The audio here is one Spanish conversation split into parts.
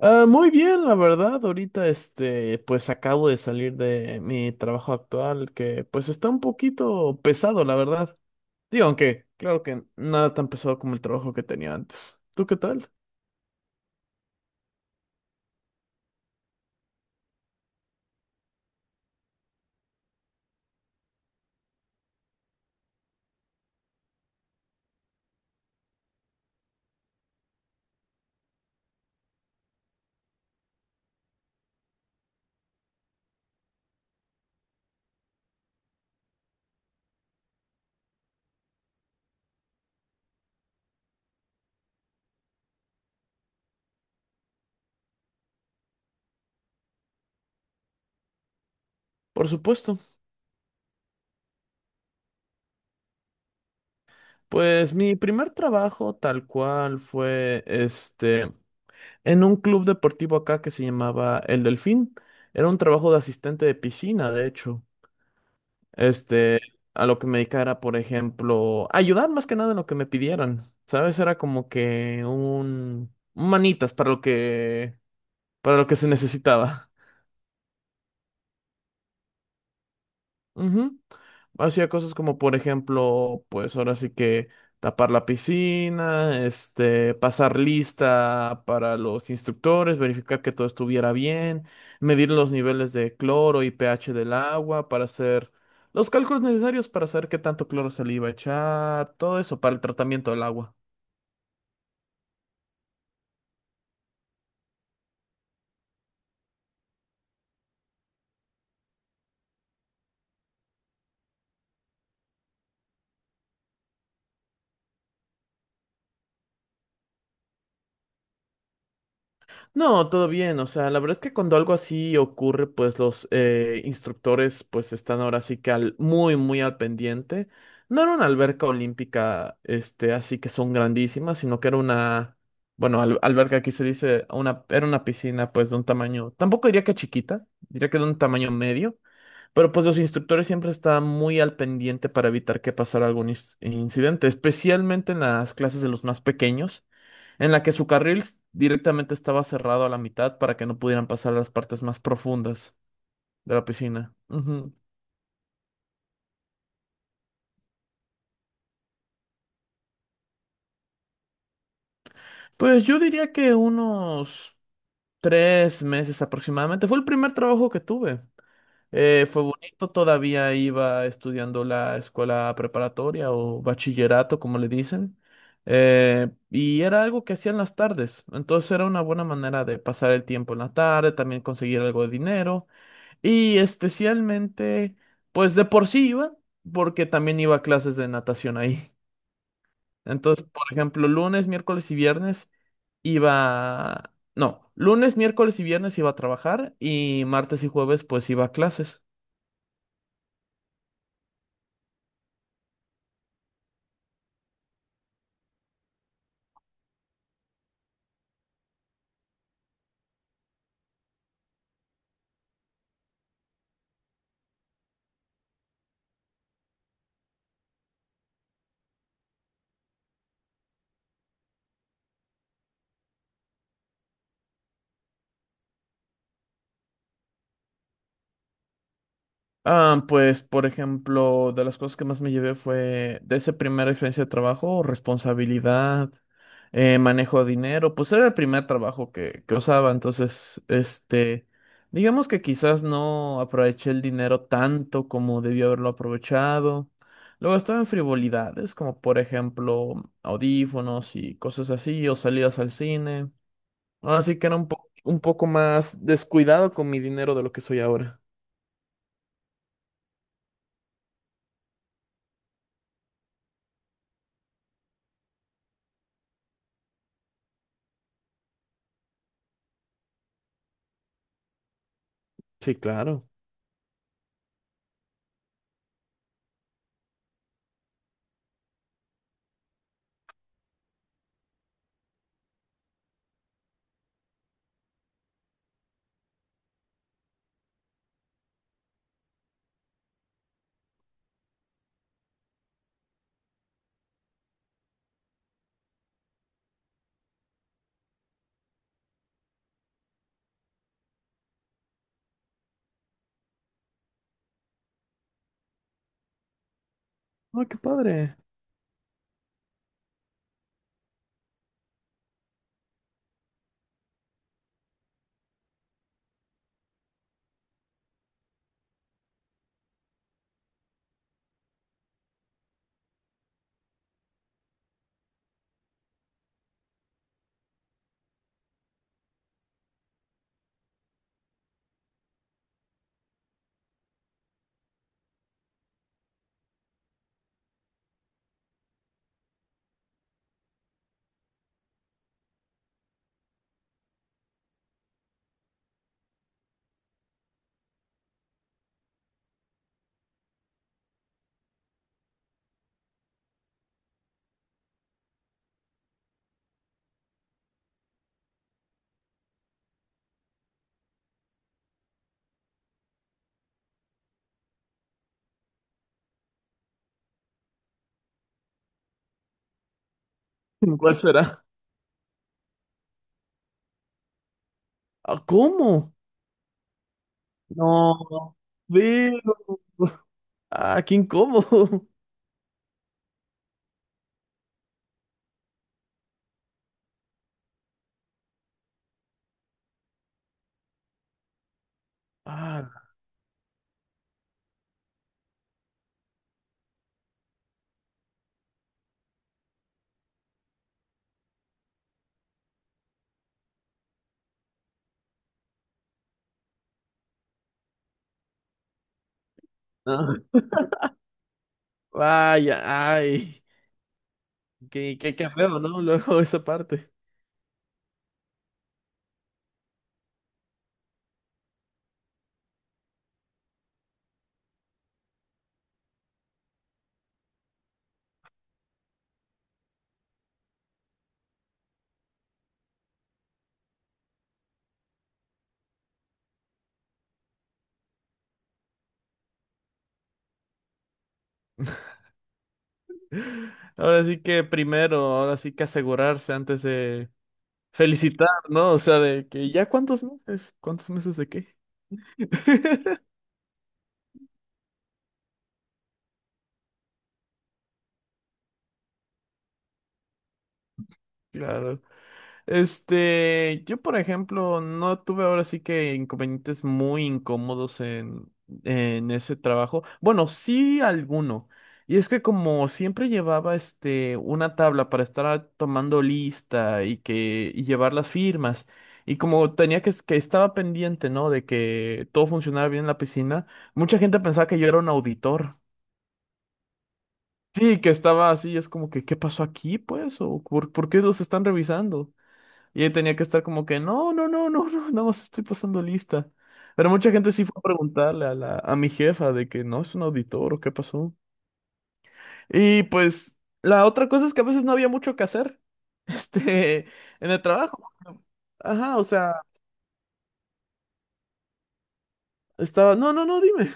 Ah, muy bien, la verdad. Ahorita, pues acabo de salir de mi trabajo actual, que pues está un poquito pesado, la verdad. Digo, aunque claro que nada tan pesado como el trabajo que tenía antes. ¿Tú qué tal? Por supuesto. Pues mi primer trabajo tal cual fue, en un club deportivo acá que se llamaba El Delfín. Era un trabajo de asistente de piscina, de hecho. Este, a lo que me dedicara por ejemplo, ayudar más que nada en lo que me pidieran, ¿sabes? Era como que un manitas para lo que se necesitaba. Ujú. Hacía cosas como, por ejemplo, pues ahora sí que tapar la piscina, pasar lista para los instructores, verificar que todo estuviera bien, medir los niveles de cloro y pH del agua para hacer los cálculos necesarios para saber qué tanto cloro se le iba a echar, todo eso para el tratamiento del agua. No, todo bien. O sea, la verdad es que cuando algo así ocurre, pues los instructores pues están ahora sí que al, muy, muy al pendiente. No era una alberca olímpica, así que son grandísimas, sino que era una, bueno, alberca aquí se dice, una, era una piscina pues de un tamaño, tampoco diría que chiquita, diría que de un tamaño medio, pero pues los instructores siempre están muy al pendiente para evitar que pasara algún incidente, especialmente en las clases de los más pequeños en la que su carril directamente estaba cerrado a la mitad para que no pudieran pasar las partes más profundas de la piscina. Ujú. Pues yo diría que unos 3 meses aproximadamente. Fue el primer trabajo que tuve. Fue bonito, todavía iba estudiando la escuela preparatoria o bachillerato, como le dicen. Y era algo que hacía en las tardes, entonces era una buena manera de pasar el tiempo en la tarde, también conseguir algo de dinero. Y especialmente, pues de por sí iba, porque también iba a clases de natación ahí. Entonces, por ejemplo, lunes, miércoles y viernes iba... No, lunes, miércoles y viernes iba a trabajar y martes y jueves pues iba a clases. Ah, pues, por ejemplo, de las cosas que más me llevé fue de esa primera experiencia de trabajo, responsabilidad, manejo de dinero, pues era el primer trabajo que usaba, entonces, digamos que quizás no aproveché el dinero tanto como debí haberlo aprovechado. Luego estaba en frivolidades, como por ejemplo audífonos y cosas así, o salidas al cine. Así que era un poco más descuidado con mi dinero de lo que soy ahora. Sí, claro. Ay, qué padre. ¿Cuál será? Ah, ¿cómo? No, veo. Ah, qué incómodo. Ah, no. Vaya, ay. Qué, qué, qué feo, ¿no? Luego esa parte. Ahora sí que primero, ahora sí que asegurarse antes de felicitar, ¿no? O sea, de que ya cuántos meses de qué. Claro. Yo por ejemplo, no tuve ahora sí que inconvenientes muy incómodos en ese trabajo. Bueno, sí alguno. Y es que como siempre llevaba este una tabla para estar tomando lista y que y llevar las firmas. Y como tenía que estaba pendiente, ¿no? De que todo funcionara bien en la piscina, mucha gente pensaba que yo era un auditor. Sí, que estaba así, es como que, ¿qué pasó aquí, pues? ¿O por qué los están revisando? Y él tenía que estar como que, no, no, no, no, no, nada más estoy pasando lista. Pero mucha gente sí fue a preguntarle a la, a mi jefa de que no es un auditor o qué pasó. Y pues la otra cosa es que a veces no había mucho que hacer, este, en el trabajo. Ajá, o sea, estaba, no, no, no, dime.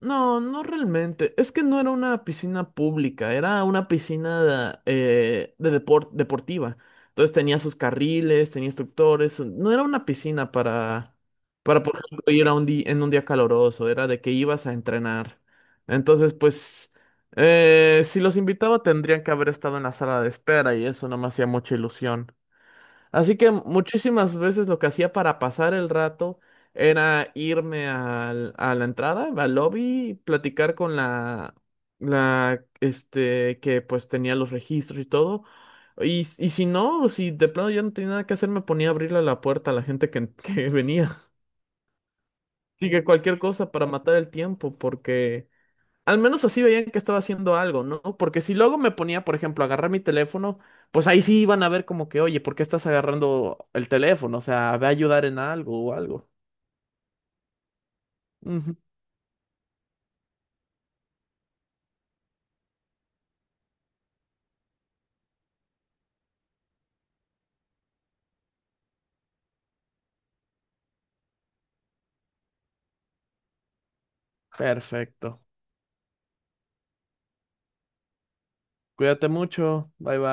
No, no realmente. Es que no era una piscina pública, era una piscina de deportiva. Entonces tenía sus carriles, tenía instructores. No era una piscina para por ejemplo, ir a un día en un día caloroso. Era de que ibas a entrenar. Entonces, pues, si los invitaba tendrían que haber estado en la sala de espera y eso no me hacía mucha ilusión. Así que muchísimas veces lo que hacía para pasar el rato era irme a la entrada, al lobby, y platicar con la, la, que pues tenía los registros y todo. Y si no, si de plano yo no tenía nada que hacer, me ponía a abrirle la puerta a la gente que, que venía. Así que cualquier cosa para matar el tiempo, porque al menos así veían que estaba haciendo algo, ¿no? Porque si luego me ponía, por ejemplo, a agarrar mi teléfono, pues ahí sí iban a ver como que, oye, ¿por qué estás agarrando el teléfono? O sea, ve a ayudar en algo o algo. Ujú. Perfecto. Cuídate mucho. Bye bye.